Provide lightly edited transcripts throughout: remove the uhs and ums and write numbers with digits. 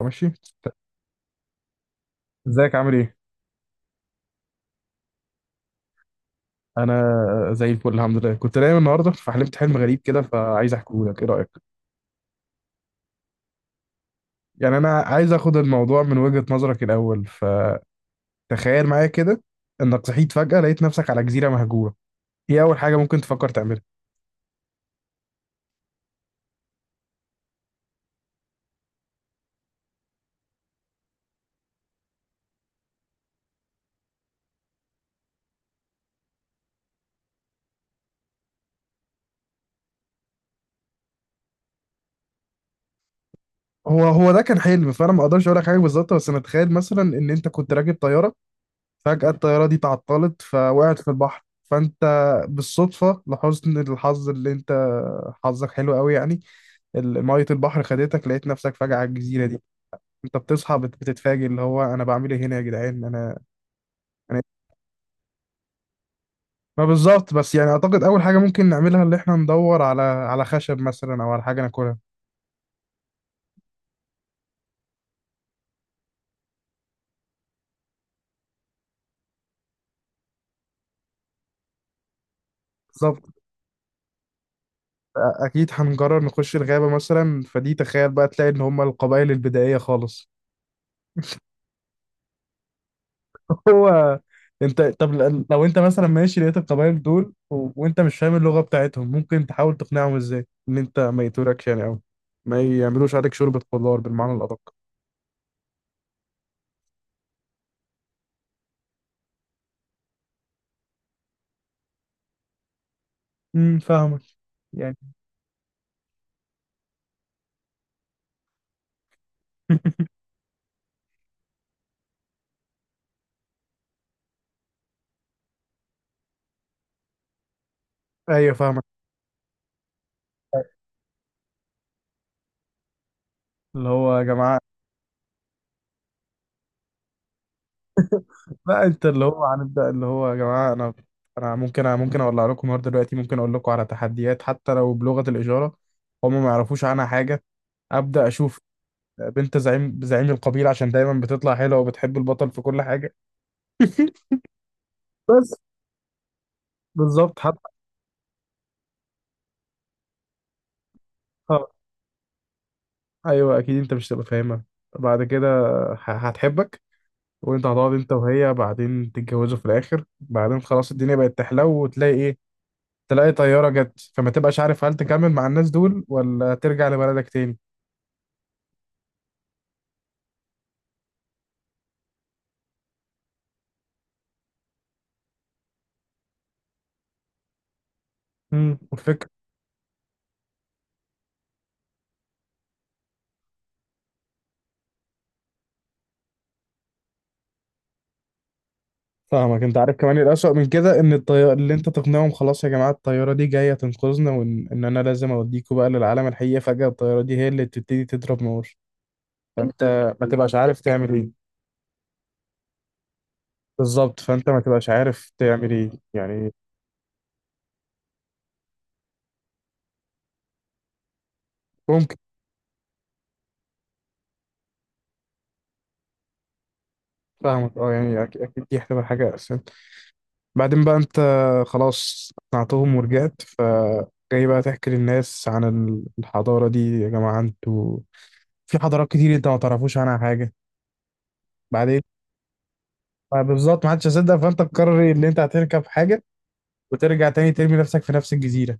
ماشي. ازيك، عامل ايه؟ انا زي الفل، الحمد لله. كنت نايم النهارده فحلمت حلم غريب كده، فعايز احكيه لك. ايه رايك؟ يعني انا عايز اخد الموضوع من وجهة نظرك الاول. فتخيل معايا كده انك صحيت فجأة لقيت نفسك على جزيرة مهجورة. ايه اول حاجة ممكن تفكر تعملها؟ هو هو ده كان حلم، فانا ما اقدرش اقول لك حاجة بالظبط. بس انا اتخيل مثلا ان انت كنت راكب طيارة، فجأة الطيارة دي تعطلت فوقعت في البحر. فانت بالصدفة لحسن الحظ اللي انت حظك حلو قوي يعني، مية البحر خدتك لقيت نفسك فجأة على الجزيرة دي. انت بتصحى بتتفاجئ اللي هو انا بعمل ايه هنا يا جدعان. انا ما بالظبط بس يعني اعتقد اول حاجة ممكن نعملها اللي احنا ندور على خشب مثلا او على حاجة ناكلها. بالظبط. اكيد هنقرر نخش الغابة مثلا. فدي تخيل بقى تلاقي ان هم القبائل البدائية خالص. هو انت طب لو انت مثلا ماشي لقيت القبائل دول وانت مش فاهم اللغة بتاعتهم، ممكن تحاول تقنعهم ازاي ان انت ما يتوركش يعني، او ما يعملوش عليك شوربة خضار بالمعنى الأدق. فاهمك، يعني. ايوه فاهمك. اللي هو يا جماعه. لا، انت اللي هو هنبدا اللي هو يا جماعه. انا ممكن اولع لكم النهارده دلوقتي، ممكن اقول لكم على تحديات حتى لو بلغه الاشاره. هم ما يعرفوش عنها حاجه. ابدا اشوف بنت زعيم القبيله، عشان دايما بتطلع حلوه وبتحب البطل في كل حاجه. بس بالظبط حتى. آه، ايوه اكيد انت مش هتبقى فاهمها بعد كده. هتحبك. وانت هتقعد انت وهي بعدين تتجوزوا في الاخر، بعدين خلاص الدنيا بقت تحلو وتلاقي ايه؟ تلاقي طيارة جت فما تبقاش عارف هل تكمل مع الناس دول ولا ترجع لبلدك تاني. والفكرة. فاهمك. انت عارف كمان الأسوأ من كده ان الطيارة اللي انت تقنعهم خلاص يا جماعة الطيارة دي جاية تنقذنا، وان انا لازم اوديكوا بقى للعالم الحقيقي، فجأة الطيارة دي هي اللي بتبتدي تضرب نار. فانت ما تبقاش عارف تعمل ايه. بالظبط، فانت ما تبقاش عارف تعمل ايه يعني. ممكن. فاهمك، اه يعني اكيد دي هتبقى حاجة. بعدين بقى انت خلاص اقنعتهم ورجعت، فجاي بقى تحكي للناس عن الحضارة دي يا جماعة، انتوا في حضارات كتير انت ما تعرفوش عنها حاجة. بعدين بقى بالظبط، ما حدش هيصدق. فانت تقرر ان انت هتركب حاجة وترجع تاني ترمي نفسك في نفس الجزيرة،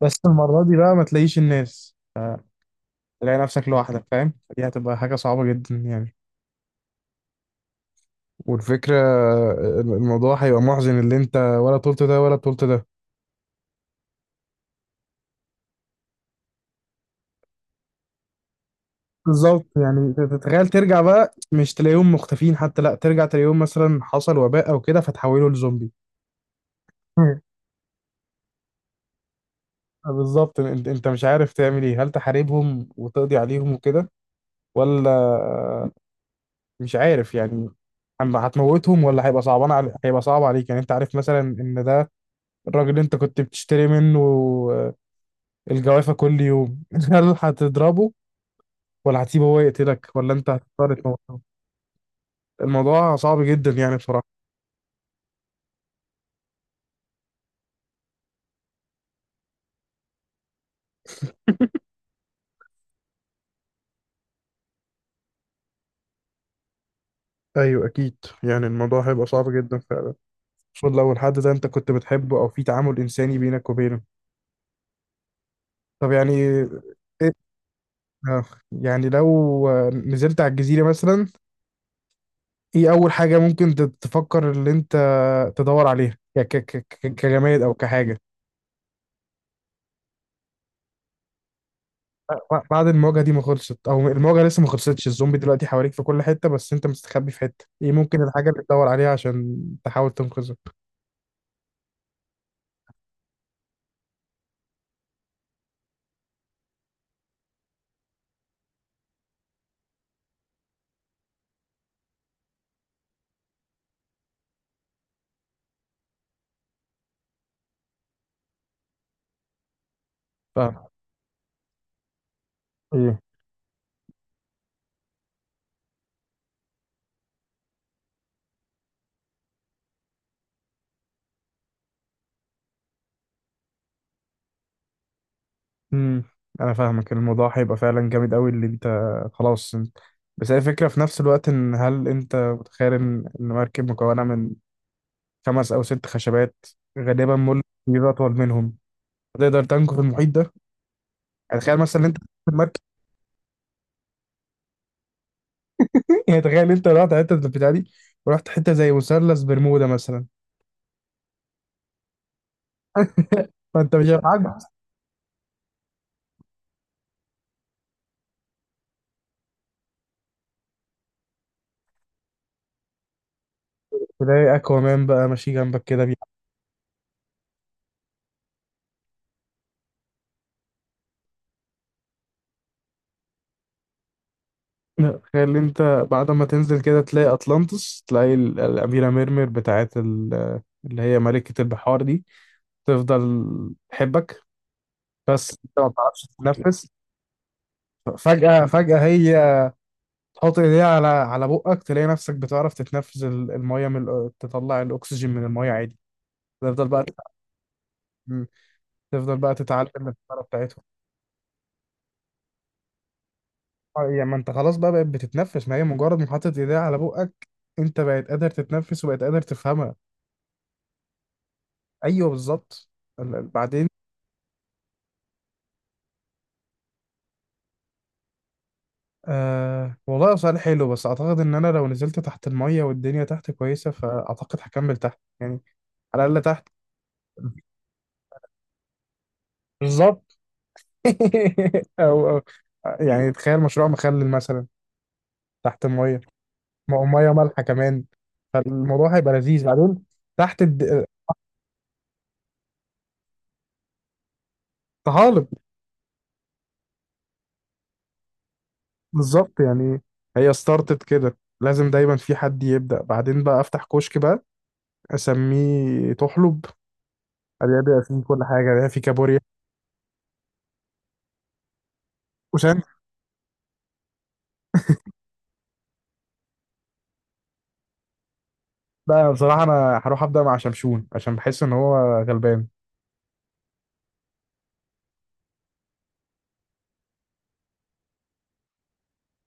بس المرة دي بقى ما تلاقيش الناس، تلاقي نفسك لوحدك. فاهم، دي هتبقى حاجة صعبة جدا يعني. والفكرة الموضوع هيبقى محزن اللي انت ولا طولت ده ولا طولت ده. بالظبط. يعني تتخيل ترجع بقى مش تلاقيهم مختفين، حتى لا ترجع تلاقيهم مثلا حصل وباء او كده فتحولوا لزومبي. مم. بالظبط. انت مش عارف تعمل ايه، هل تحاربهم وتقضي عليهم وكده، ولا مش عارف يعني. أما هتموتهم ولا هيبقى صعبان علي، هيبقى صعب عليك يعني. انت عارف مثلا ان ده الراجل اللي انت كنت بتشتري منه الجوافة كل يوم. هل هتضربه ولا هتسيبه هو يقتلك ولا انت هتضطر تموته؟ الموضوع صعب جدا يعني بصراحة. ايوه اكيد. يعني الموضوع هيبق صعب جدا فعلا، خصوصا لو الحد ده انت كنت بتحبه او في تعامل انساني بينك وبينه. طب يعني إيه. آه، يعني لو نزلت على الجزيره مثلا، ايه اول حاجه ممكن تفكر ان انت تدور عليها يعني كجماد او كحاجه؟ بعد المواجهه دي ما خلصت، او المواجهه لسه ما خلصتش الزومبي دلوقتي حواليك في كل حته بس انت مستخبي في حته، ايه ممكن الحاجه اللي تدور عليها عشان تحاول تنقذه؟ فاهم. امم انا فاهمك، الموضوع هيبقى فعلا جامد قوي اللي انت. خلاص بس هي الفكره في نفس الوقت ان هل انت متخيل ان إن مركب مكونه من خمس او ست خشبات غالبا مول كبير اطول منهم، تقدر تنكو في المحيط ده؟ يعني تخيل مثلا إن انت في المركب. يعني تخيل انت رحت حته البتاع دي، ورحت حته زي مثلث برمودا مثلا. فانت مش هتعجز. تلاقي اكوامان بقى ماشي جنبك كده. تخيل انت بعد ما تنزل كده تلاقي اطلانتس، تلاقي الاميره ميرمير بتاعت اللي هي ملكه البحار دي، تفضل تحبك. بس انت ما بتعرفش تتنفس. فجاه هي تحط ايديها على بقك تلاقي نفسك بتعرف تتنفس، الميه تطلع الاكسجين من الميه عادي. تفضل بقى تتعلم- تفضل بقى تتعلم الحركه بتاعتهم. اه، يعني ما انت خلاص بقى بقت بتتنفس، ما هي مجرد ما حطت ايديها على بقك انت بقت قادر تتنفس وبقت قادر تفهمها. ايوه بالظبط. بعدين. أه والله، هو سؤال حلو. بس اعتقد ان انا لو نزلت تحت المية والدنيا تحت كويسة، فاعتقد هكمل تحت يعني، على الاقل تحت. بالظبط. او يعني تخيل مشروع مخلل مثلا تحت المية، مية مالحة كمان، فالموضوع هيبقى لذيذ بعدين تحت طحالب. بالظبط يعني. هي ستارتت كده لازم دايما في حد يبدأ. بعدين بقى افتح كشك بقى اسميه تحلب، بيبيع فيه كل حاجة، بيبيع فيه كابوريا. لا بصراحة أنا هروح أبدأ مع شمشون عشان بحس إن هو غلبان.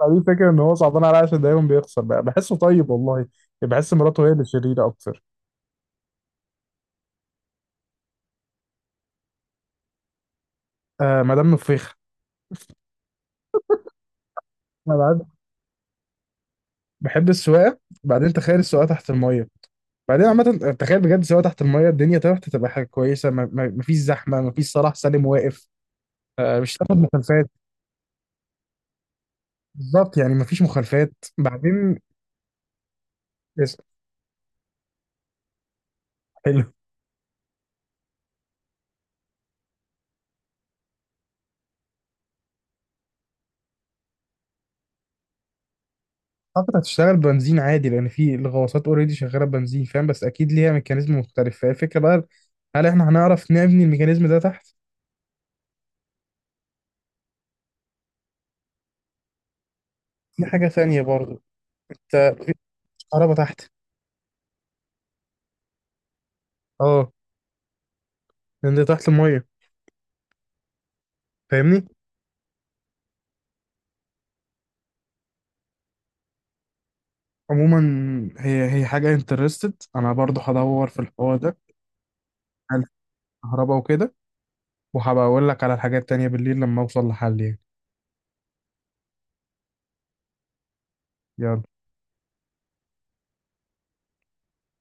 فدي الفكرة إن هو صعبان عليا عشان دايما بيخسر بقى، بحسه طيب والله. بحس مراته هي اللي شريرة أكتر. آه مدام نفيخة. أنا بعد. بحب السواقة. بعدين تخيل السواقة تحت المية. بعدين عامة تخيل بجد السواقة تحت المية الدنيا تحت تبقى حاجة كويسة، مفيش زحمة، مفيش صلاح سالم واقف. آه مش هتاخد مخالفات. بالظبط يعني مفيش مخالفات. بعدين اس- حلو. اعتقد هتشتغل بنزين عادي لان في الغواصات اوريدي شغاله بنزين فاهم، بس اكيد ليها ميكانيزم مختلف، فهي الفكره بقى هل احنا هنعرف نبني الميكانيزم ده تحت؟ دي حاجة ثانية برضو. انت مفيش كهرباء تحت. اه، لان ده تحت الميه فاهمني. عموما هي هي حاجة انترستد انا برضو هدور في الحوار ده. هل في كهرباء وكده، وهبقى اقول لك على الحاجات التانية بالليل لما اوصل لحل يعني. يلا.